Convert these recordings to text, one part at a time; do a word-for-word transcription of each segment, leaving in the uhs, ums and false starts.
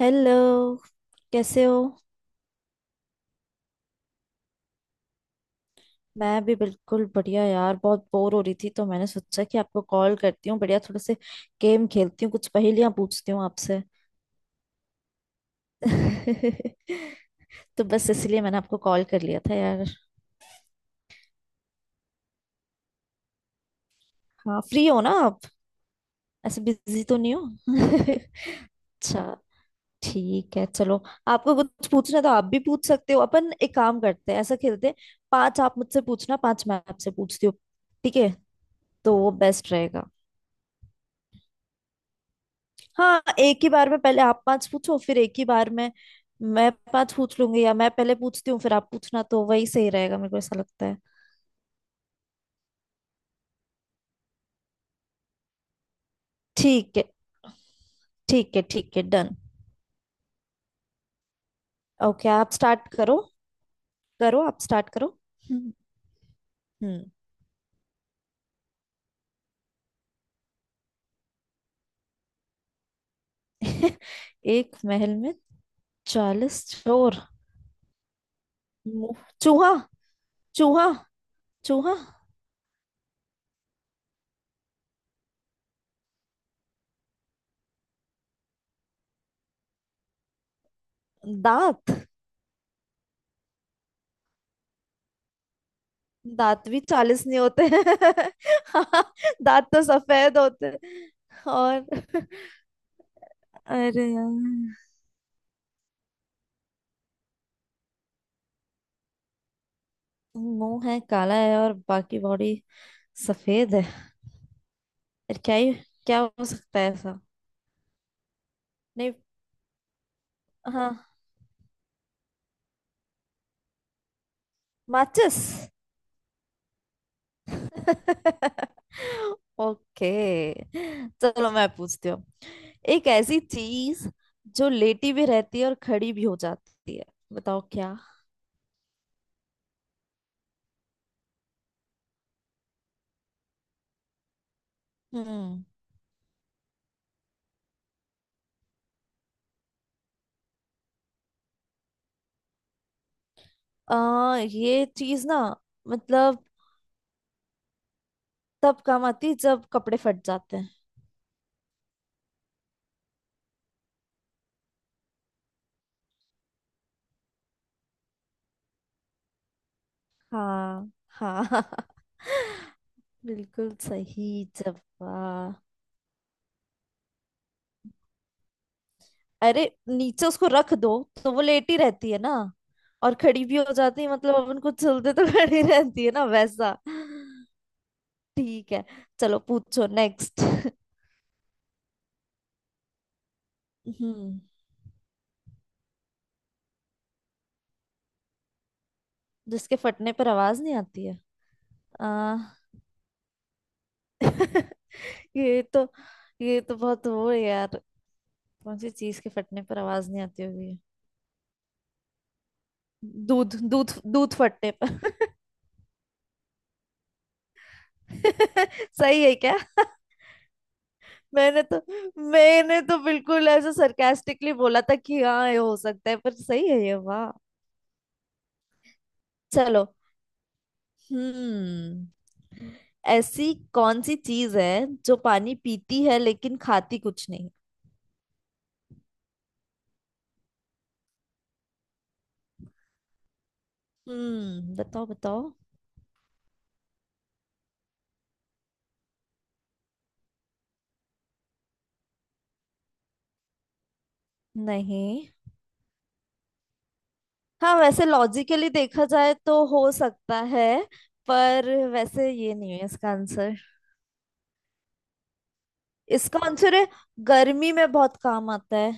Hello. कैसे हो? मैं भी बिल्कुल बढ़िया यार, बहुत बोर हो रही थी तो मैंने सोचा कि आपको कॉल करती हूँ, बढ़िया थोड़े से गेम खेलती हूँ, कुछ पहेलियाँ पूछती हूँ आपसे। तो बस इसलिए मैंने आपको कॉल कर लिया था यार। हाँ, फ्री हो ना आप? ऐसे बिजी तो नहीं हो? अच्छा, ठीक है, चलो। आपको कुछ पूछना है तो आप भी पूछ सकते हो। अपन एक काम करते हैं, ऐसा खेलते हैं, पांच आप मुझसे पूछना, पांच मैं आपसे पूछती हूँ। ठीक है, तो वो बेस्ट रहेगा। हाँ, एक ही बार में पहले आप पांच पूछो, फिर एक ही बार में मैं पांच पूछ लूंगी। या मैं पहले पूछती हूँ, फिर आप पूछना, तो वही सही रहेगा, मेरे को ऐसा लगता है। ठीक है ठीक है ठीक है, डन। ओके, आप स्टार्ट करो। करो, आप स्टार्ट करो। हम्म। हम्म। एक महल में चालीस चोर। मुंह- चूहा। चूहा। चूहा। दांत। दांत भी चालीस नहीं होते हैं। दांत तो सफेद होते हैं। और अरे यार, मुंह है काला है और बाकी बॉडी सफेद है। यार, क्या ही, क्या हो सकता है ऐसा? नहीं। हाँ, माचिस। ओके, चलो मैं पूछती हूँ। एक ऐसी चीज जो लेटी भी रहती है और खड़ी भी हो जाती है, बताओ क्या? हम्म। आ, ये चीज ना, मतलब तब काम आती है जब कपड़े फट जाते हैं। हाँ। हाँ। बिल्कुल सही जवाब। अरे नीचे उसको रख दो तो वो लेटी रहती है ना, और खड़ी भी हो जाती है मतलब अपन कुछ चलते तो खड़ी रहती है ना, वैसा। ठीक है, चलो पूछो नेक्स्ट। हम्म। जिसके फटने पर आवाज नहीं आती है। आ, ये तो ये तो बहुत वो है यार, कौन सी चीज के फटने पर आवाज नहीं आती होगी? दूध, दूध, दूध फटने पर। सही है क्या? मैंने तो मैंने तो बिल्कुल ऐसे सरकास्टिकली बोला था कि हाँ, ये हो सकता है, पर सही है ये, वाह। चलो। हम्म। ऐसी कौन सी चीज है जो पानी पीती है लेकिन खाती कुछ नहीं? हम्म, बताओ बताओ। नहीं। हाँ वैसे लॉजिकली देखा जाए तो हो सकता है, पर वैसे ये नहीं है इसका आंसर। इसका आंसर है गर्मी में बहुत काम आता है।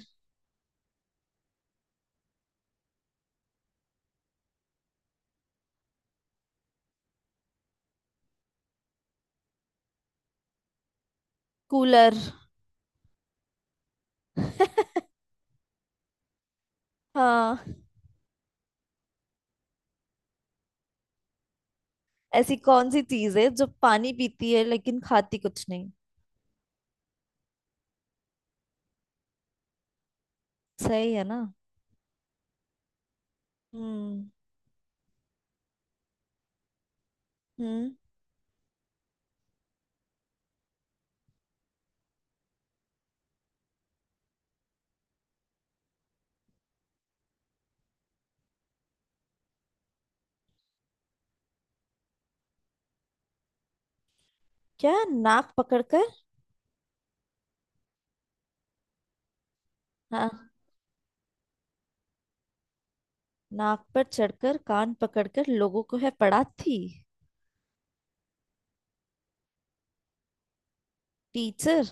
कूलर। हाँ। ऐसी कौन सी चीज है जो पानी पीती है लेकिन खाती कुछ नहीं? सही है ना? हम्म। हम्म। क्या? नाक पकड़कर? हाँ, नाक पर चढ़कर कान पकड़कर लोगों को है पढ़ाती। टीचर।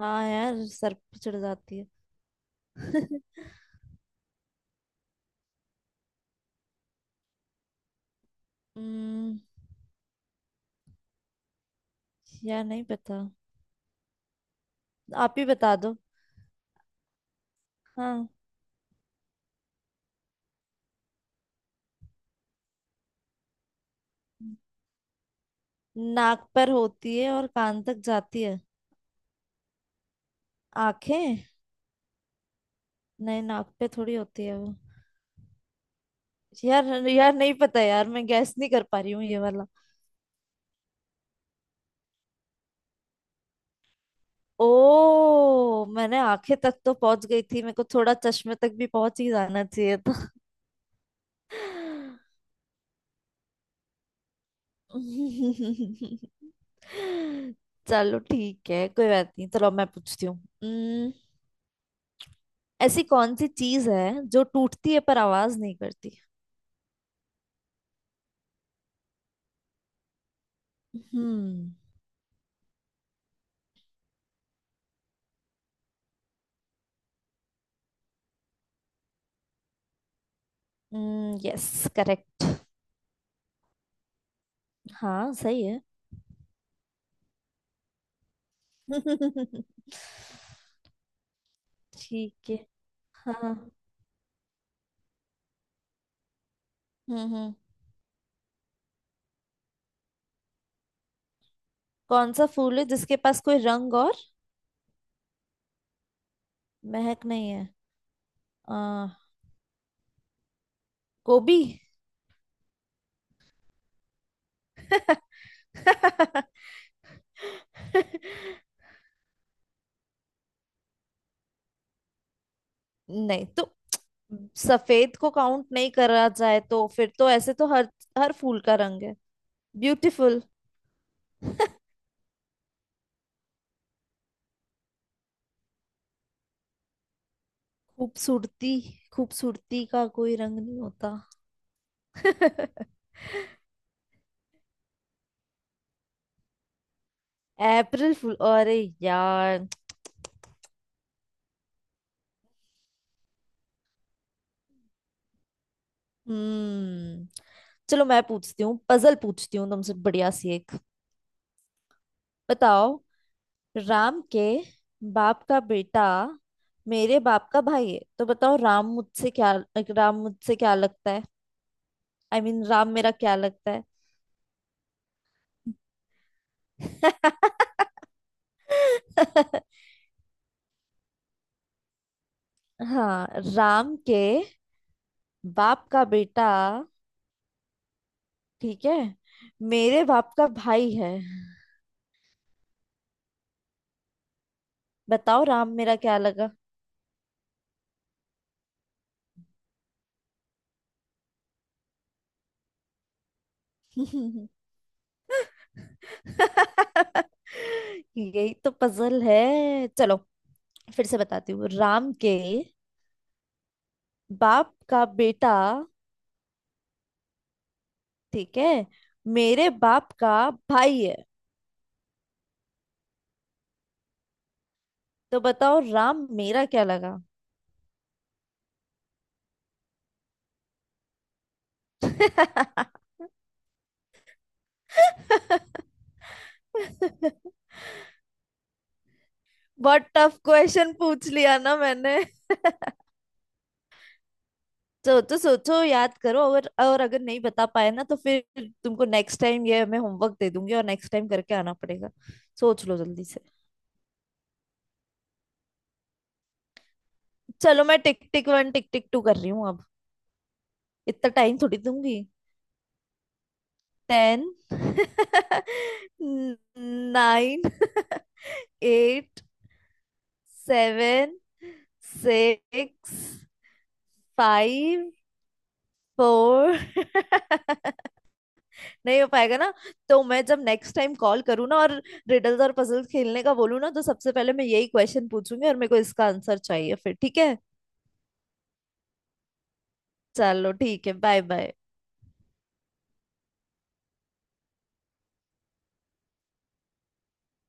हाँ यार, सर पे चढ़ जाती है। हम्म, यार नहीं पता, आप ही बता दो। हाँ, नाक पर होती है और कान तक जाती है। आंखें। नहीं, नाक पे थोड़ी होती है वो। यार यार, नहीं पता यार, मैं गैस नहीं कर पा रही हूँ ये वाला। ओ, मैंने आंखें तक तो पहुंच गई थी, मेरे को थोड़ा चश्मे तक भी पहुंच ही जाना चाहिए था। चलो ठीक है, कोई बात नहीं, चलो अब मैं पूछती हूँ। हम्म, ऐसी कौन सी चीज है जो टूटती है पर आवाज नहीं करती? हम्म। Yes, correct. हाँ, सही है। ठीक है। हाँ। हम्म हम्म कौन सा फूल है जिसके पास कोई रंग और महक नहीं है? आ, गोभी। नहीं तो, सफेद को काउंट नहीं करा जाए तो फिर तो ऐसे तो हर हर फूल का रंग है ब्यूटीफुल। खूबसूरती खूबसूरती का कोई रंग नहीं होता। अप्रैल फूल? अरे यार। हम्म। चलो, मैं पूछती हूँ, पजल पूछती हूँ तुमसे बढ़िया सी एक, बताओ। राम के बाप का बेटा मेरे बाप का भाई है तो बताओ राम मुझसे क्या राम मुझसे क्या लगता है? I I mean mean, Ram मेरा क्या लगता है? हाँ, राम के बाप का बेटा, ठीक है, मेरे बाप का भाई है, बताओ राम मेरा क्या लगा? यही तो पजल है, चलो फिर से बताती हूँ। राम के बाप का बेटा, ठीक है, मेरे बाप का भाई है, तो बताओ राम मेरा क्या लगा? बहुत टफ क्वेश्चन पूछ लिया ना मैंने? सोचो सोचो, याद करो, और और अगर नहीं बता पाए ना तो फिर तुमको नेक्स्ट टाइम ये मैं होमवर्क दे दूंगी और नेक्स्ट टाइम करके आना पड़ेगा। सोच लो जल्दी से। चलो, मैं tick tick one tick tick two कर रही हूँ अब, इतना टाइम थोड़ी दूंगी। Ten, nine, eight, seven, six, five, four. नहीं हो पाएगा ना, तो मैं जब नेक्स्ट टाइम कॉल करूँ ना और रिडल्स और पजल्स खेलने का बोलूँ ना तो सबसे पहले मैं यही क्वेश्चन पूछूंगी और मेरे को इसका आंसर चाहिए फिर, ठीक है? चलो ठीक है, बाय बाय।